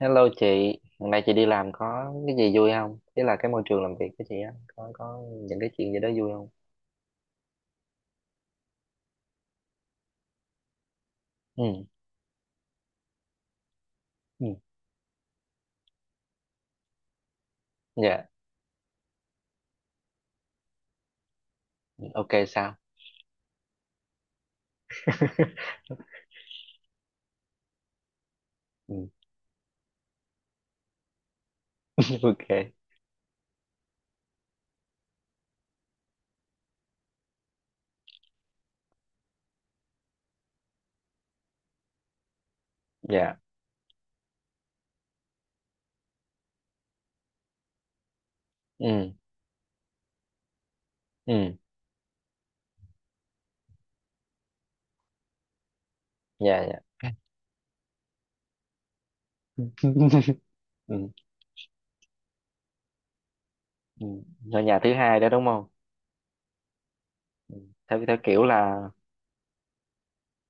Hello chị, hôm nay chị đi làm có cái gì vui không? Thế là cái môi trường làm việc của chị á, có những cái chuyện gì đó vui không? Ừ, ừ, dạ, ok sao? Ừ, ok, dạ, ừ, ừ, dạ, dạ. Ừ, ừ. Ở nhà thứ hai đó đúng không? Ừ. Theo, theo kiểu là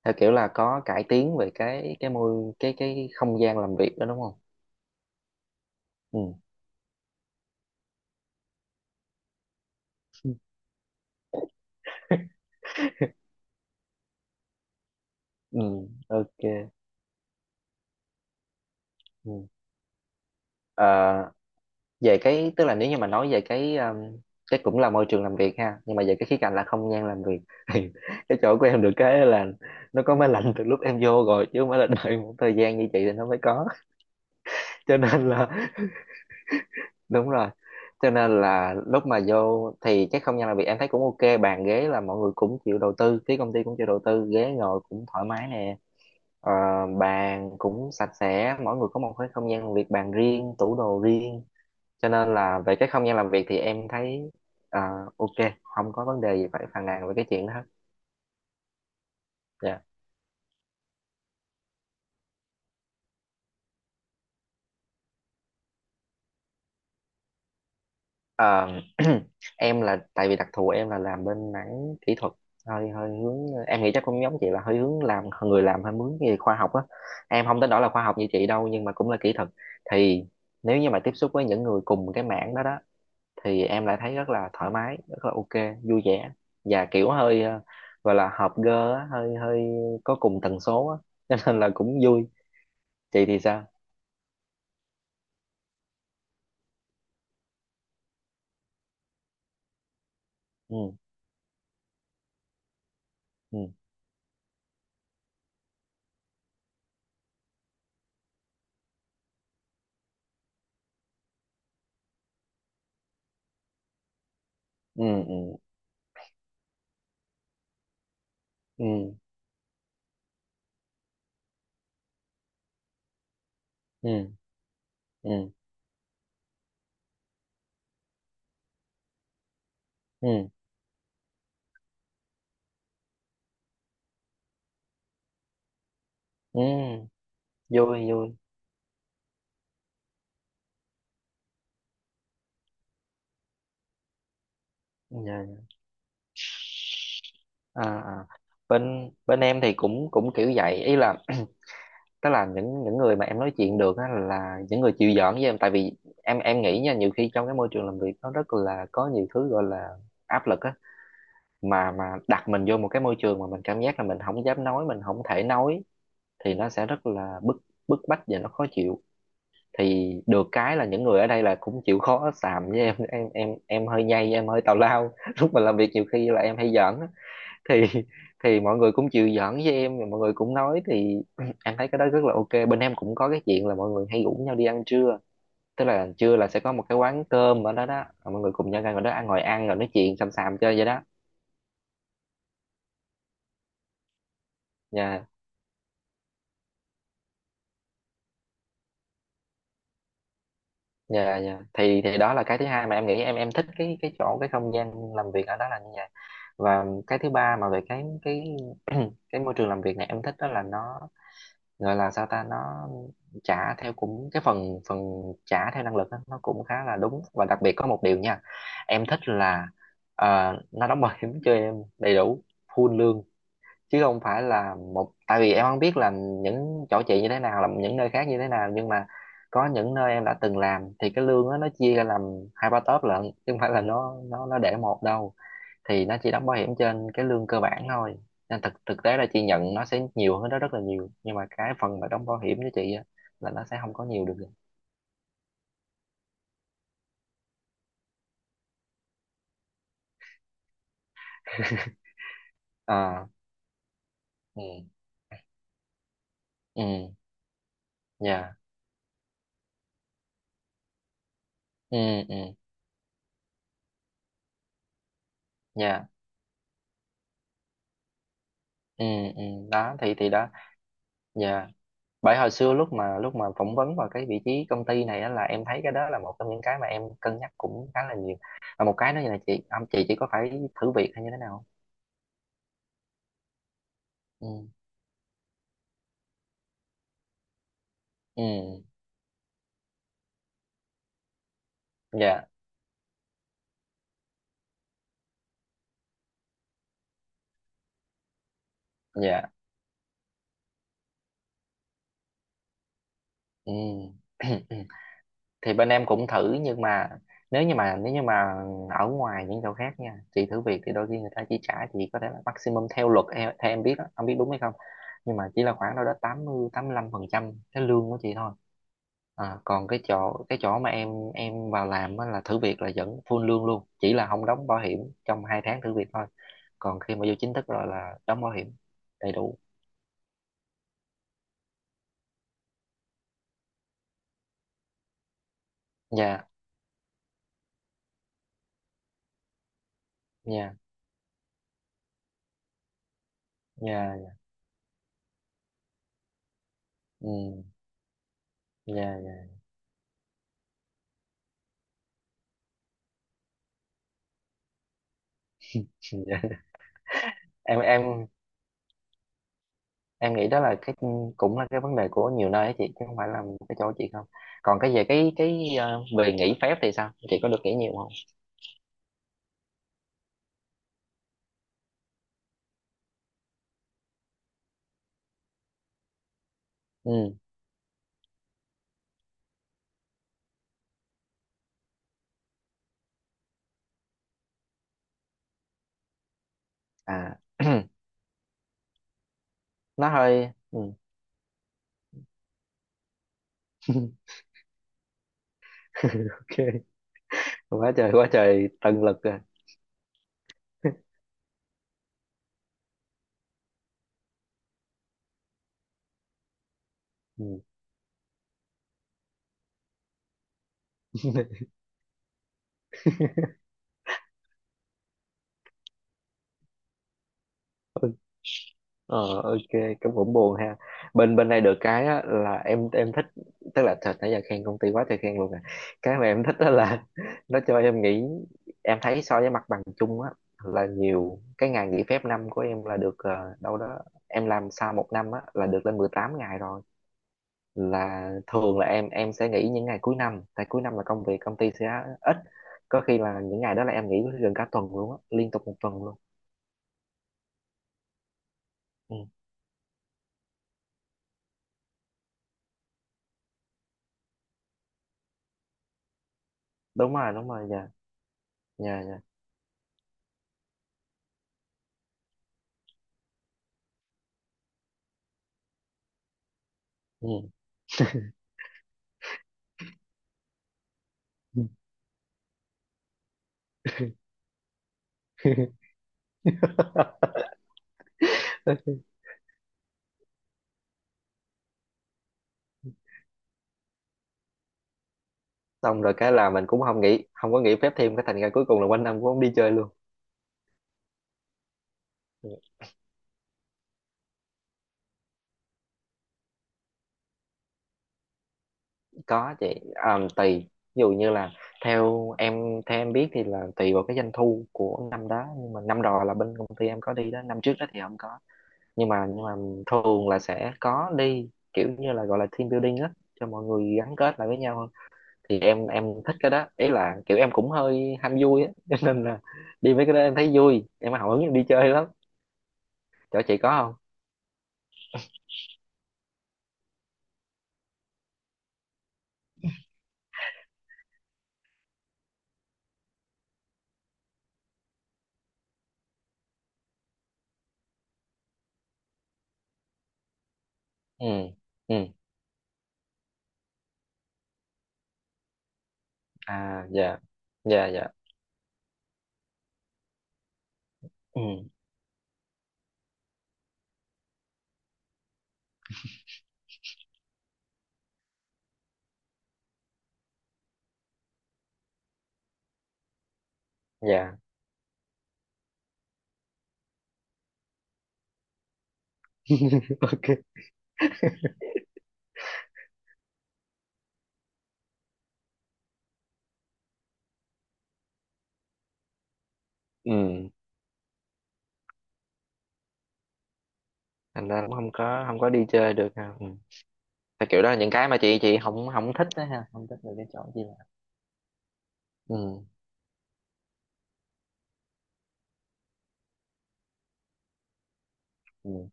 theo kiểu là có cải tiến về cái môi cái không gian làm việc đó đúng không? Ừ. Ừ, ok. Ừ. Ờ, về cái tức là nếu như mà nói về cái cũng là môi trường làm việc ha, nhưng mà về cái khía cạnh là không gian làm việc, thì cái chỗ của em được cái là nó có máy lạnh từ lúc em vô rồi, chứ không phải là đợi một thời gian như chị thì nó mới có. Cho nên là đúng rồi, cho nên là lúc mà vô thì cái không gian làm việc em thấy cũng ok, bàn ghế là mọi người cũng chịu đầu tư, phía công ty cũng chịu đầu tư, ghế ngồi cũng thoải mái nè, ờ, bàn cũng sạch sẽ, mỗi người có một cái không gian làm việc, bàn riêng, tủ đồ riêng. Cho nên là về cái không gian làm việc thì em thấy, ờ, ok, không có vấn đề gì phải phàn nàn về cái chuyện đó hết. Dạ. Ờ, em là tại vì đặc thù em là làm bên mảng kỹ thuật, hơi hơi hướng, em nghĩ chắc cũng giống chị là hơi hướng làm, người làm hơi hướng về khoa học á, em không tới đó là khoa học như chị đâu nhưng mà cũng là kỹ thuật. Thì nếu như mà tiếp xúc với những người cùng cái mảng đó đó thì em lại thấy rất là thoải mái, rất là ok, vui vẻ, và kiểu hơi gọi là hợp gơ á, hơi hơi có cùng tần số á. Cho nên là cũng vui. Chị thì sao? Ừ, ừ, ừ, ừ, ừ, ừ, ừ, ừ, ừ, vui vui. Dạ. Dạ. À, à. Bên bên em thì cũng cũng kiểu vậy, ý là tức là những người mà em nói chuyện được á là những người chịu giỡn với em. Tại vì em nghĩ nha, nhiều khi trong cái môi trường làm việc nó rất là có nhiều thứ gọi là áp lực á, mà đặt mình vô một cái môi trường mà mình cảm giác là mình không dám nói, mình không thể nói, thì nó sẽ rất là bức bức bách và nó khó chịu. Thì được cái là những người ở đây là cũng chịu khó xàm với Em hơi nhây, em hơi tào lao, lúc mà làm việc nhiều khi là em hay giỡn á. thì thì mọi người cũng chịu giỡn với em, mọi người cũng nói. Thì em thấy cái đó rất là ok. Bên em cũng có cái chuyện là mọi người hay rủ nhau đi ăn trưa, tức là trưa là sẽ có một cái quán cơm ở đó đó, mọi người cùng nhau ra ngồi đó ăn, ngồi ăn rồi nói chuyện xàm xàm chơi vậy đó. Dạ, dạ, dạ, thì đó là cái thứ hai mà em nghĩ em thích cái chỗ, cái không gian làm việc ở đó là như vậy. Và cái thứ ba mà về cái cái môi trường làm việc này em thích đó là nó gọi là sao ta, nó trả theo cũng cái phần phần trả theo năng lực đó, nó cũng khá là đúng. Và đặc biệt có một điều nha, em thích là nó đóng bảo hiểm cho em đầy đủ, full lương chứ không phải là một, tại vì em không biết là những chỗ chị như thế nào, là những nơi khác như thế nào, nhưng mà có những nơi em đã từng làm thì cái lương á nó chia ra làm hai ba tốp lận, chứ không phải là nó để một đâu, thì nó chỉ đóng bảo hiểm trên cái lương cơ bản thôi, nên thực thực tế là chị nhận nó sẽ nhiều hơn đó rất là nhiều, nhưng mà cái phần mà đóng bảo hiểm cho chị á là nó sẽ không có nhiều được. À, ừ, ừ, dạ, ừ, ừ, dạ, ừ, ừ, đó, thì đó. Dạ, bởi hồi xưa lúc mà phỏng vấn vào cái vị trí công ty này á là em thấy cái đó là một trong những cái mà em cân nhắc cũng khá là nhiều. Và một cái nữa là chị, ông chị chỉ có phải thử việc hay như thế nào không? Ừ, ừ, dạ, dạ, ừ. Thì bên em cũng thử, nhưng mà nếu như mà ở ngoài những chỗ khác nha, chị thử việc thì đôi khi người ta chỉ trả chị có thể là maximum theo luật, theo, theo em biết đó, không biết đúng hay không, nhưng mà chỉ là khoảng đâu đó tám, tám mươi, 85% cái lương của chị thôi. À, còn cái chỗ, cái chỗ mà em vào làm á là thử việc là vẫn full lương luôn, chỉ là không đóng bảo hiểm trong 2 tháng thử việc thôi. Còn khi mà vô chính thức rồi là đóng bảo hiểm đầy đủ. Dạ, dạ, dạ, ừ, dạ, dạ. em em em nghĩ đó là cái cũng là cái vấn đề của nhiều nơi ấy chị, chứ không phải là cái chỗ chị không. Còn cái về cái về nghỉ phép thì sao, chị có được nghỉ nhiều không? Ừ, à, nó hơi ừ. Ok, quá trời tận lực rồi. Ừ. Ờ, ok, cũng cũng buồn ha. Bên bên này được cái á, là em thích, tức là thật nãy giờ khen công ty quá trời khen luôn à. Cái mà em thích đó là nó cho em nghỉ. Em thấy so với mặt bằng chung á là nhiều, cái ngày nghỉ phép năm của em là được đâu đó, em làm sau một năm á là được lên 18 ngày rồi. Là thường là em sẽ nghỉ những ngày cuối năm, tại cuối năm là công việc công ty sẽ ít. Có khi là những ngày đó là em nghỉ gần cả tuần luôn á, liên tục một tuần luôn. Ừ, đúng rồi, đúng rồi, dạ. Dạ, dạ. Ừ. Xong rồi cái là mình cũng không nghĩ, không có nghỉ phép thêm, cái thành ra cuối cùng là quanh năm cũng không đi chơi luôn. Có chị, à, tùy, ví dụ như là theo em, theo em biết thì là tùy vào cái doanh thu của năm đó, nhưng mà năm rồi là bên công ty em có đi đó, năm trước đó thì không có, nhưng mà thường là sẽ có đi, kiểu như là gọi là team building á, cho mọi người gắn kết lại với nhau hơn. Thì em thích cái đó, ý là kiểu em cũng hơi ham vui á. Cho nên là đi mấy cái đó em thấy vui, em hào hứng, em đi chơi lắm. Chỗ chị có không? Ừ, ừ, à, dạ, dạ, dạ, ừ, dạ. Ok. Ừ, thành ra cũng không có, không có đi chơi được ha. Ừ. Tại kiểu đó là những cái mà chị không không thích đó ha, không thích được cái chỗ chị làm. Ừ, ừ,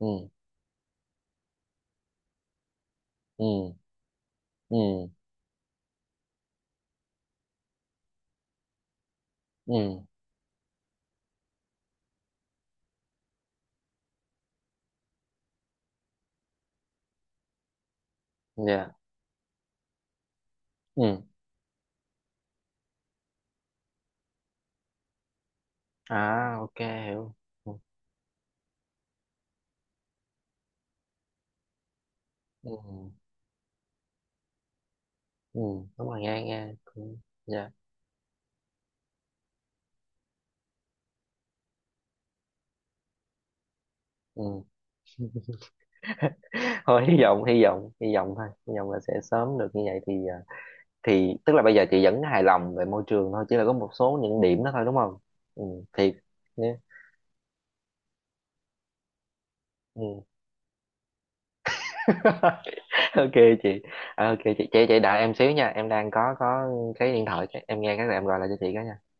ừ, ừ, ừ, ừ, dạ, ừ, à, ok, hiểu, ừ, ừ, ừ. Đúng rồi, nghe nghe cũng dạ ừ. Thôi hy vọng, hy vọng, hy vọng thôi, hy vọng là sẽ sớm được như vậy, thì tức là bây giờ chị vẫn hài lòng về môi trường thôi, chỉ là có một số những điểm đó thôi đúng không? Ừ, thiệt nhé. Ừ. Ok chị. À, ok, chị đợi em xíu nha, em đang có cái điện thoại, em nghe cái là em gọi lại cho chị cái nha.